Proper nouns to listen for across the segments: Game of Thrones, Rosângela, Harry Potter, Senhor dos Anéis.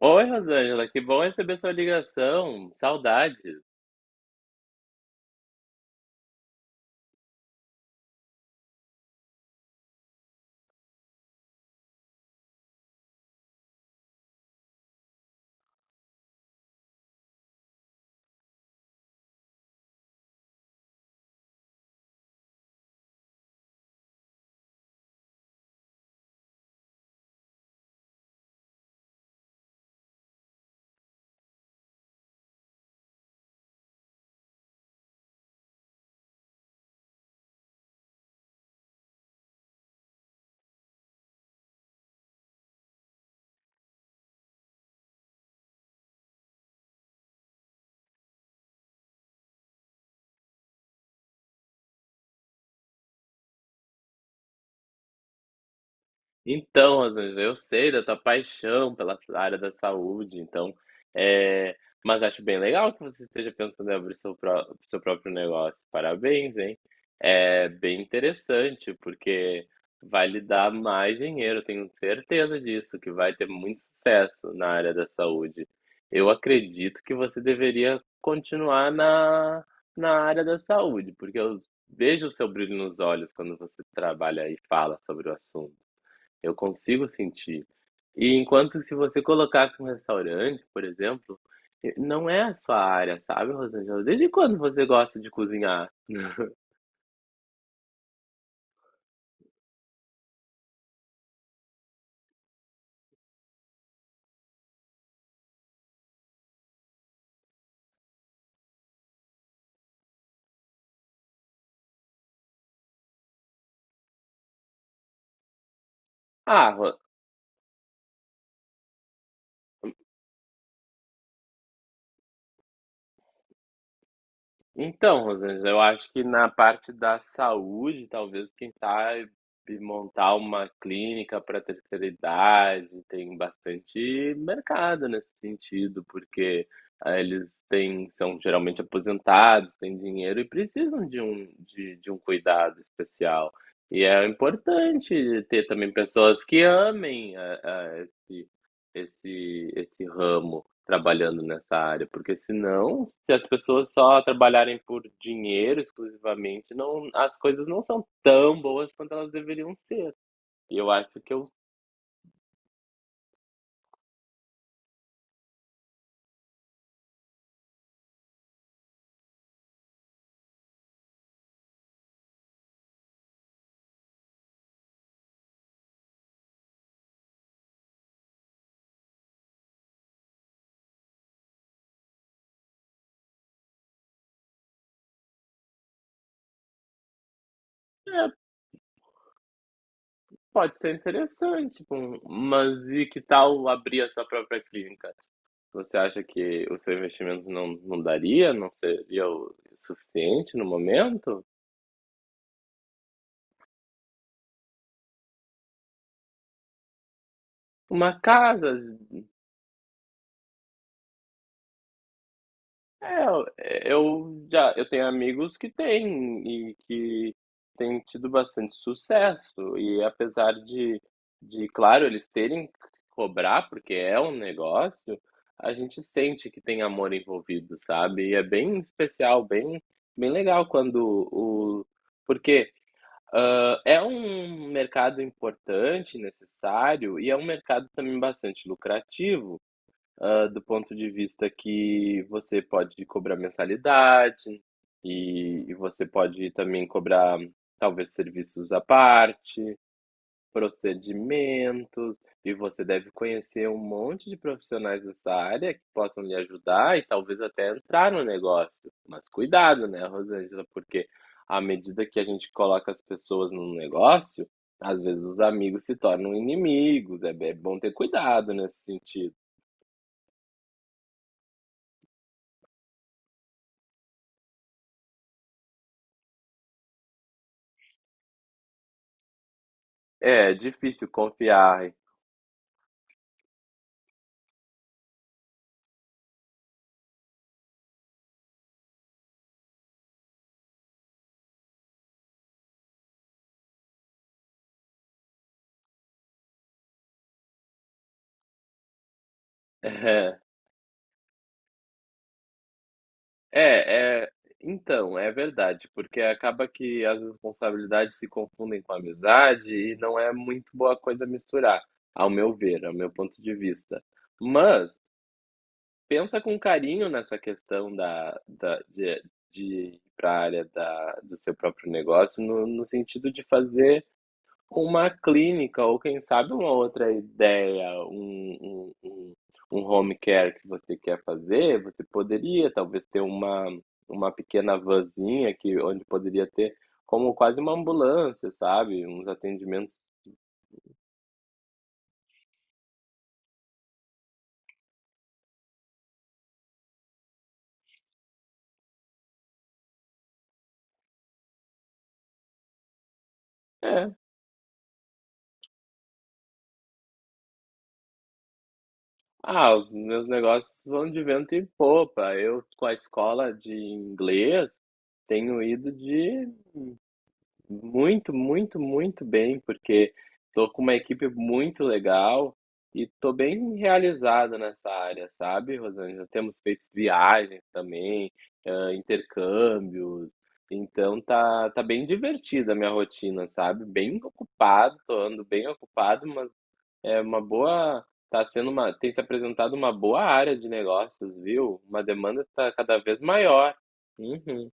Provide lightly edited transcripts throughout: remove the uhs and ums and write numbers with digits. Oi, Rosângela, que bom receber sua ligação. Saudades. Então, Rosângela, eu sei da tua paixão pela área da saúde, então, é, mas acho bem legal que você esteja pensando em abrir seu próprio negócio. Parabéns, hein? É bem interessante, porque vai lhe dar mais dinheiro, eu tenho certeza disso, que vai ter muito sucesso na área da saúde. Eu acredito que você deveria continuar na área da saúde, porque eu vejo o seu brilho nos olhos quando você trabalha e fala sobre o assunto. Eu consigo sentir. E enquanto se você colocasse um restaurante, por exemplo, não é a sua área, sabe, Rosângela? Desde quando você gosta de cozinhar? Ah, então, Rosângela, eu acho que na parte da saúde, talvez quem sabe montar uma clínica para terceira idade, tem bastante mercado nesse sentido, porque são geralmente aposentados, têm dinheiro e precisam de um cuidado especial. E é importante ter também pessoas que amem esse ramo trabalhando nessa área, porque senão, se as pessoas só trabalharem por dinheiro exclusivamente, não, as coisas não são tão boas quanto elas deveriam ser. E eu acho que eu, é, Pode ser interessante, tipo, mas e que tal abrir a sua própria clínica? Você acha que o seu investimento não daria, não seria o suficiente no momento? Uma casa. É, eu tenho amigos que têm tido bastante sucesso e apesar de, claro, eles terem que cobrar, porque é um negócio, a gente sente que tem amor envolvido, sabe? E é bem especial, bem legal quando o porque ah, é um mercado importante, necessário e é um mercado também bastante lucrativo, do ponto de vista que você pode cobrar mensalidade e você pode também cobrar, talvez, serviços à parte, procedimentos, e você deve conhecer um monte de profissionais dessa área que possam lhe ajudar e talvez até entrar no negócio. Mas cuidado, né, Rosângela, porque à medida que a gente coloca as pessoas no negócio, às vezes os amigos se tornam inimigos. É, é bom ter cuidado nesse sentido. É, difícil confiar. É, é, então, é verdade, porque acaba que as responsabilidades se confundem com a amizade e não é muito boa coisa misturar, ao meu ver, ao meu ponto de vista. Mas pensa com carinho nessa questão de ir para a área do seu próprio negócio, no sentido de fazer uma clínica, ou quem sabe uma outra ideia, um home care que você quer fazer, você poderia talvez ter uma pequena vanzinha onde poderia ter como quase uma ambulância, sabe? Uns atendimentos. É. Ah, os meus negócios vão de vento em popa. Eu, com a escola de inglês, tenho ido de Muito, muito, muito bem, porque tô com uma equipe muito legal e tô bem realizado nessa área, sabe, Rosângela? Temos feito viagens também, intercâmbios, então tá bem divertida a minha rotina, sabe? Bem ocupado, tô andando bem ocupado, mas é uma boa, tá sendo uma, tem se apresentado uma boa área de negócios, viu? Uma demanda tá cada vez maior. Uhum.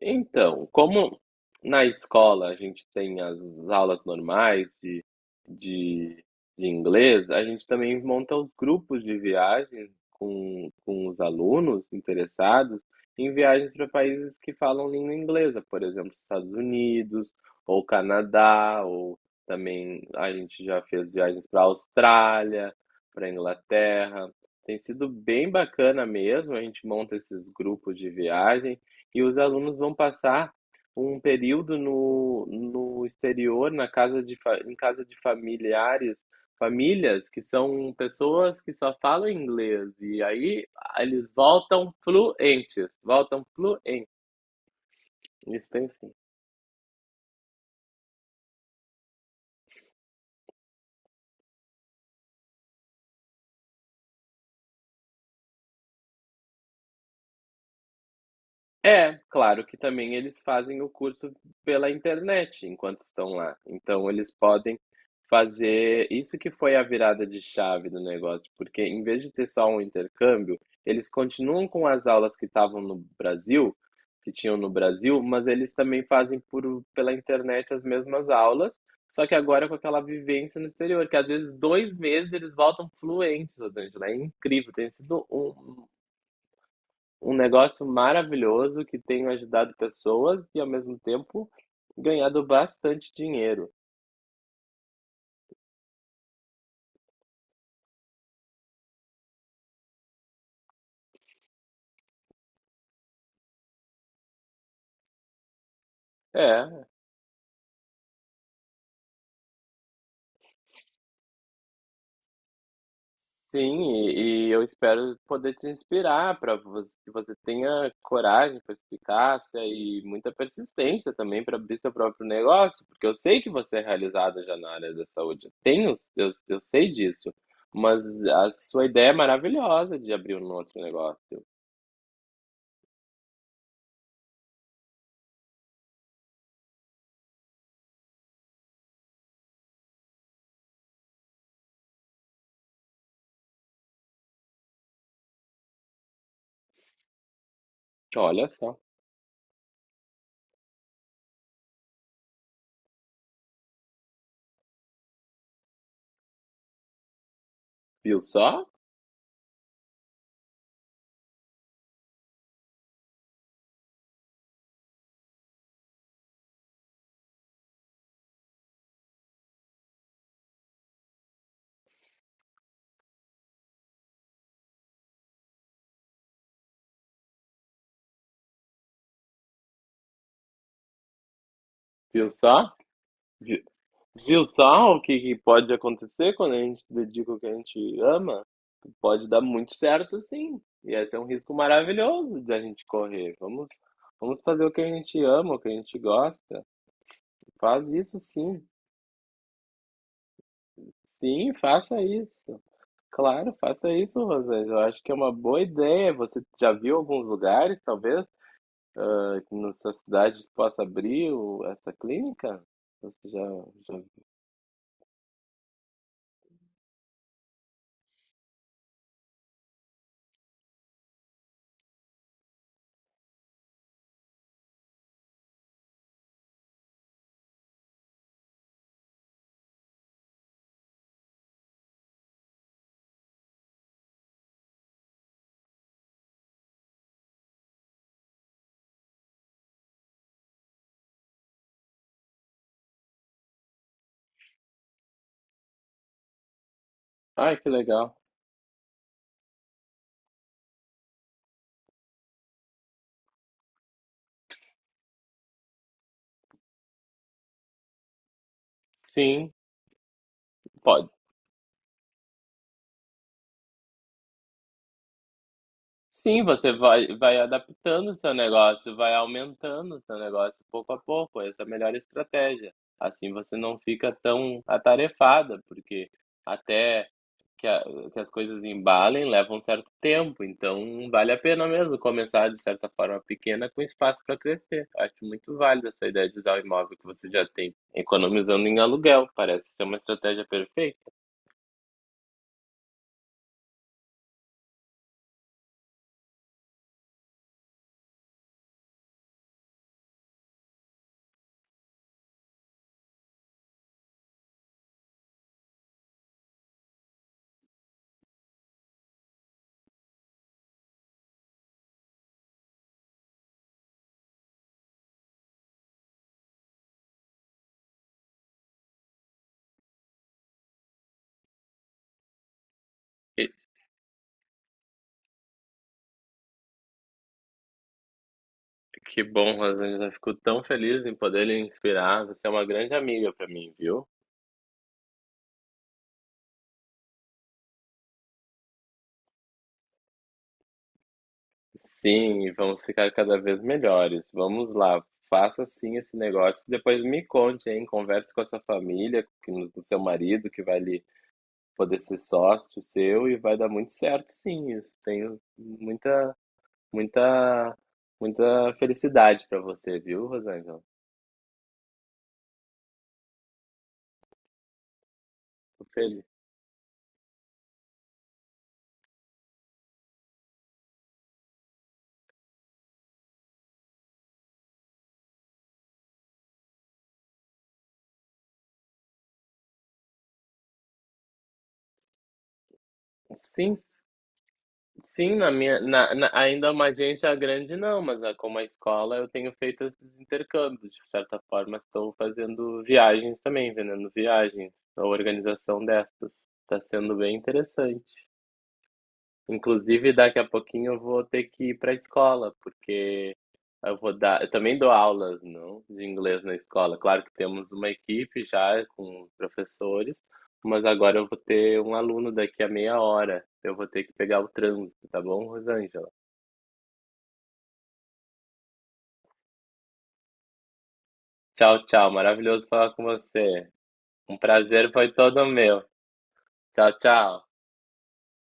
Então, como na escola a gente tem as aulas normais de, de inglês, a gente também monta os grupos de viagens com os alunos interessados em viagens para países que falam língua inglesa, por exemplo, Estados Unidos, ou Canadá, ou também a gente já fez viagens para Austrália, para Inglaterra. Tem sido bem bacana mesmo, a gente monta esses grupos de viagem e os alunos vão passar um período no exterior, na casa de, fa- em casa de familiares, famílias que são pessoas que só falam inglês. E aí eles voltam fluentes, voltam fluentes. Isso tem sim. É, claro que também eles fazem o curso pela internet enquanto estão lá, então eles podem fazer isso que foi a virada de chave do negócio, porque em vez de ter só um intercâmbio, eles continuam com as aulas que tinham no Brasil, mas eles também fazem pela internet as mesmas aulas, só que agora com aquela vivência no exterior, que às vezes dois meses eles voltam fluentes, Rosângela, é incrível, tem sido um negócio maravilhoso que tenho ajudado pessoas e ao mesmo tempo ganhado bastante dinheiro. É, sim, e eu espero poder te inspirar para que você tenha coragem, perspicácia e muita persistência também para abrir seu próprio negócio, porque eu sei que você é realizada já na área da saúde. Eu sei disso, mas a sua ideia é maravilhosa de abrir um outro negócio. Olha só, viu só? Viu só? Viu só o que, que pode acontecer quando a gente dedica o que a gente ama? Pode dar muito certo, sim. E esse é um risco maravilhoso de a gente correr. Vamos, vamos fazer o que a gente ama, o que a gente gosta. Faz isso, sim. Sim, faça isso. Claro, faça isso, Rosângela. Eu acho que é uma boa ideia. Você já viu alguns lugares, talvez, na sua cidade que possa abrir essa clínica? Você já. Ai, que legal. Sim, pode. Sim, você vai adaptando o seu negócio, vai aumentando o seu negócio pouco a pouco, essa é a melhor estratégia. Assim você não fica tão atarefada, porque até que a que as coisas embalem, leva um certo tempo, então vale a pena mesmo começar de certa forma pequena com espaço para crescer. Acho muito válido essa ideia de usar o imóvel que você já tem, economizando em aluguel, parece ser uma estratégia perfeita. Que bom, Rosângela. Fico tão feliz em poder lhe inspirar. Você é uma grande amiga para mim, viu? Sim, e vamos ficar cada vez melhores. Vamos lá, faça sim esse negócio. Depois me conte, hein? Converse com a sua família, com o seu marido, que vai lhe poder ser sócio seu, e vai dar muito certo, sim. Isso. Tenho muita, muita, muita felicidade para você, viu, Rosângela? Tô feliz. Sim, Sim, na minha na na ainda uma agência grande não, mas a como a escola eu tenho feito esses intercâmbios, de certa forma estou fazendo viagens também, vendendo viagens, a organização dessas. Está sendo bem interessante. Inclusive daqui a pouquinho eu vou ter que ir para a escola, porque eu vou dar eu também dou aulas, não, de inglês na escola. Claro que temos uma equipe já com os professores, mas agora eu vou ter um aluno daqui a meia hora, eu vou ter que pegar o trânsito, tá bom, Rosângela? Tchau, tchau. Maravilhoso falar com você. Um prazer foi todo meu. Tchau, tchau.